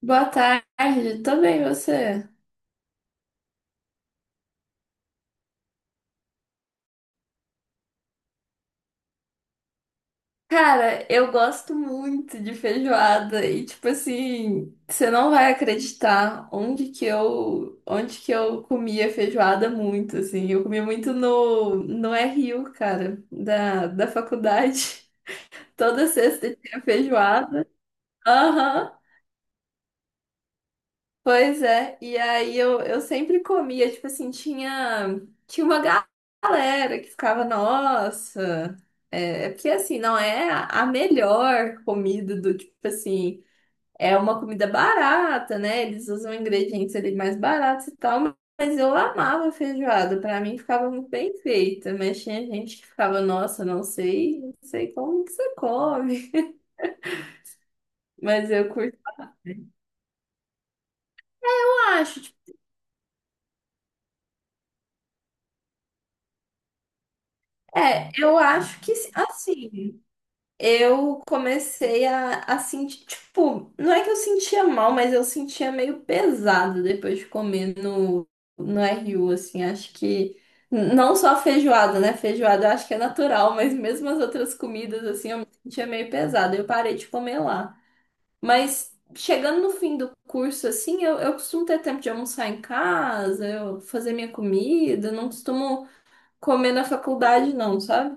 Boa tarde, tô bem, você? Cara, eu gosto muito de feijoada e tipo assim, você não vai acreditar onde que eu comia feijoada muito assim. Eu comia muito no RU, cara, da faculdade. Toda sexta tinha feijoada. Aham. Pois é, e aí eu sempre comia, tipo assim, tinha uma galera que ficava, nossa, é porque assim, não é a melhor comida do tipo assim, é uma comida barata, né? Eles usam ingredientes ali mais baratos e tal, mas eu amava feijoada, pra mim ficava muito bem feita, mas tinha gente que ficava, nossa, não sei, não sei como que você come, mas eu curto. Eu acho, tipo, eu acho que assim. Eu comecei a sentir, tipo, não é que eu sentia mal, mas eu sentia meio pesado depois de comer no RU, assim, acho que não só a feijoada, né? Feijoada eu acho que é natural, mas mesmo as outras comidas, assim, eu me sentia meio pesado, eu parei de comer lá. Mas chegando no fim do curso, assim, eu costumo ter tempo de almoçar em casa, eu fazer minha comida, eu não costumo comer na faculdade, não, sabe?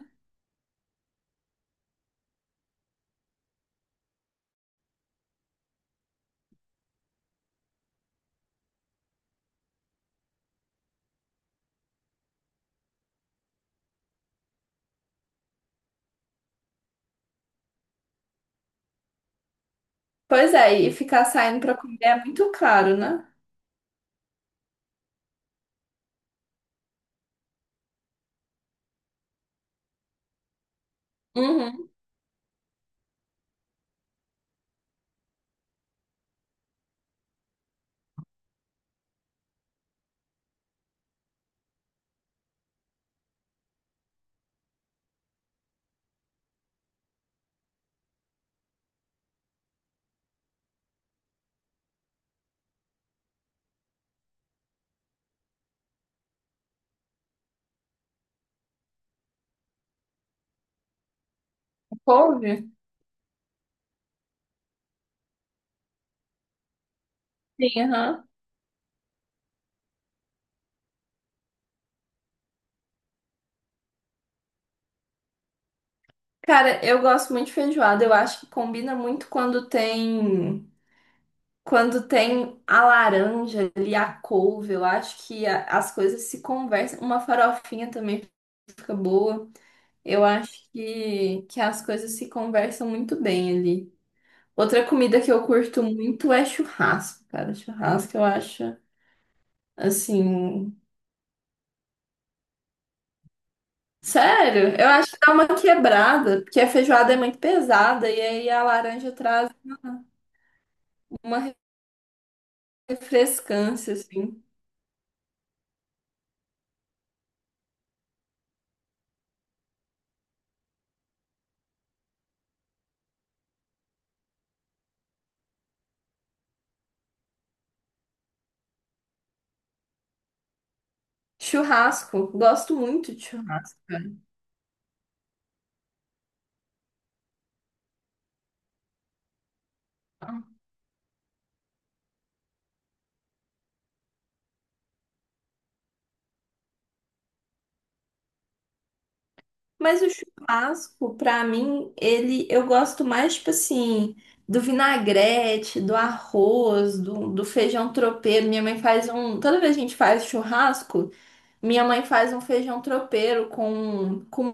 Pois é, e ficar saindo pra comer é muito caro, né? Uhum. Couve? Sim, aham. Cara, eu gosto muito de feijoada. Eu acho que combina muito quando tem a laranja ali, a couve. Eu acho que as coisas se conversam. Uma farofinha também fica boa. Eu acho que as coisas se conversam muito bem ali. Outra comida que eu curto muito é churrasco, cara. Churrasco eu acho assim. Sério, eu acho que dá uma quebrada, porque a feijoada é muito pesada e aí a laranja traz uma refrescância, assim. Churrasco, gosto muito de churrasco, cara. Mas o churrasco, pra mim, ele eu gosto mais, tipo assim, do vinagrete, do arroz, do feijão tropeiro. Minha mãe faz um. Toda vez que a gente faz churrasco, minha mãe faz um feijão tropeiro com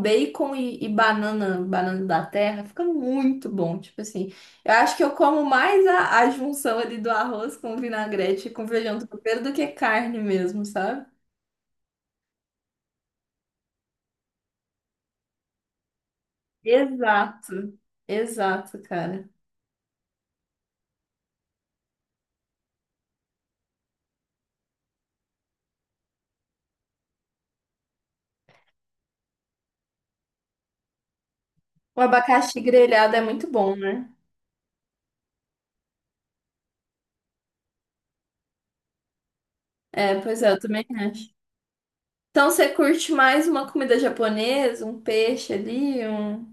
bacon e banana, banana da terra. Fica muito bom. Tipo assim, eu acho que eu como mais a junção ali do arroz com vinagrete e com feijão tropeiro do que carne mesmo, sabe? Exato. Exato, cara. O abacaxi grelhado é muito bom, né? É, pois é, eu também acho. Então você curte mais uma comida japonesa, um peixe ali, um.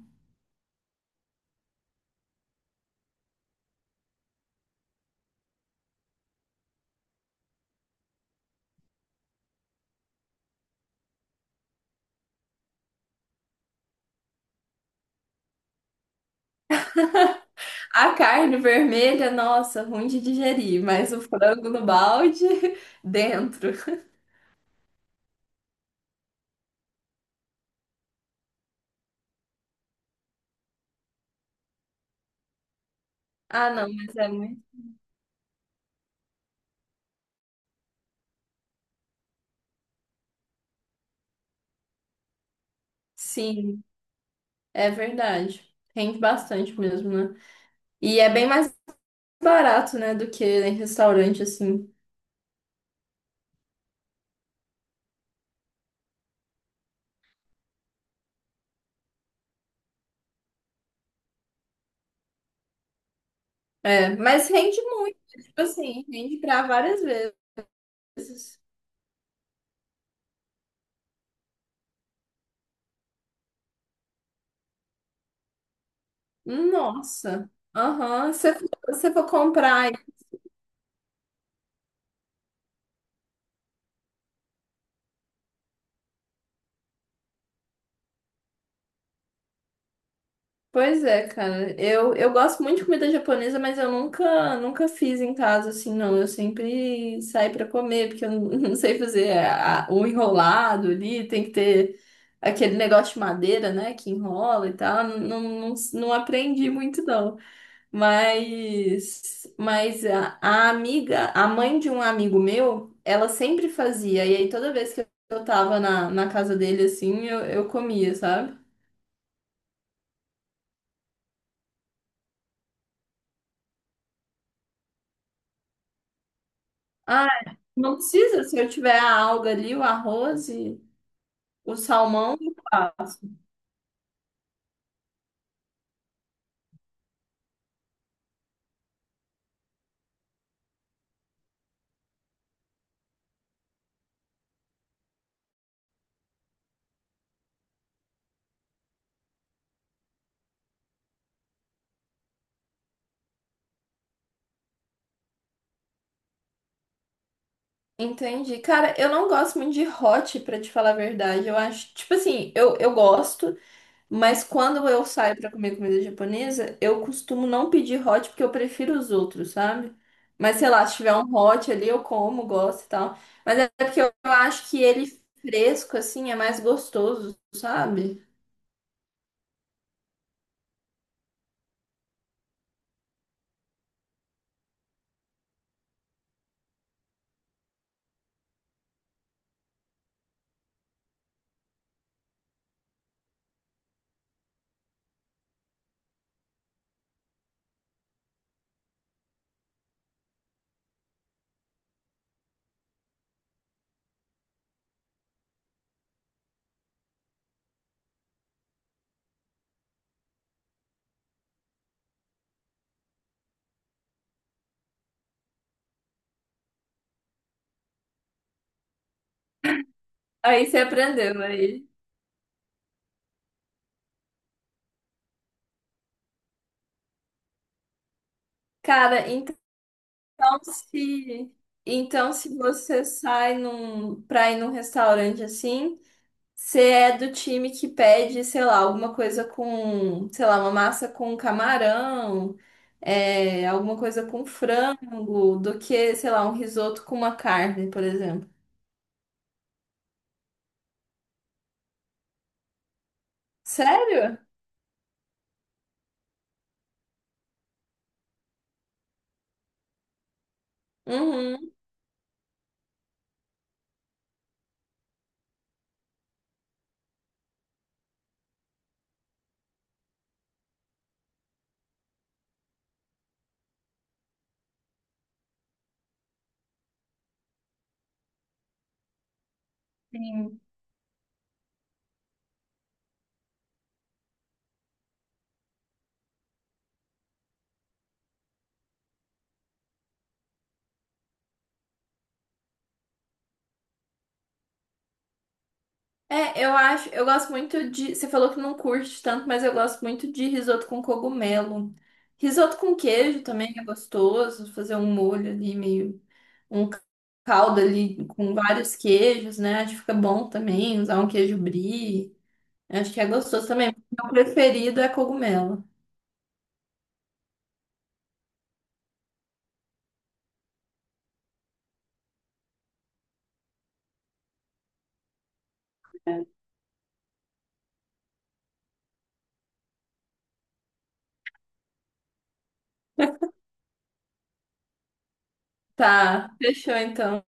A carne vermelha, nossa, ruim de digerir, mas o frango no balde, dentro. Ah, não, mas é muito. Sim, é verdade. Rende bastante mesmo, né? E é bem mais barato, né, do que em restaurante, assim. É, mas rende muito, tipo assim, rende pra várias vezes. Nossa. Aham. Se você for comprar. Pois é, cara. Eu gosto muito de comida japonesa, mas eu nunca, nunca fiz em casa assim, não. Eu sempre saio pra comer, porque eu não não sei fazer o enrolado ali, tem que ter aquele negócio de madeira, né, que enrola e tal. Não, não, não aprendi muito, não. Mas a amiga, a mãe de um amigo meu, ela sempre fazia, e aí toda vez que eu tava na casa dele, assim, eu comia, sabe? Ah, não precisa. Se eu tiver a alga ali, o arroz e o salmão, eu faço. Entendi. Cara, eu não gosto muito de hot, pra te falar a verdade. Eu acho, tipo assim, eu gosto, mas quando eu saio pra comer comida japonesa, eu costumo não pedir hot porque eu prefiro os outros, sabe? Mas sei lá, se tiver um hot ali, eu como, gosto e tal. Mas é porque eu acho que ele fresco, assim, é mais gostoso, sabe? Aí você aprendeu aí. Cara, então. Então, se, então, se você sai num, pra ir num restaurante assim, você é do time que pede, sei lá, alguma coisa com, sei lá, uma massa com camarão, é, alguma coisa com frango, do que, sei lá, um risoto com uma carne, por exemplo. Sério? Uhum. Sim. É, eu acho, eu gosto muito de. Você falou que não curte tanto, mas eu gosto muito de risoto com cogumelo. Risoto com queijo também é gostoso, fazer um molho ali, meio um caldo ali com vários queijos, né? Acho que fica bom também, usar um queijo brie. Acho que é gostoso também. Meu preferido é cogumelo. É. Tá, fechou então.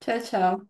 Tchau, tchau.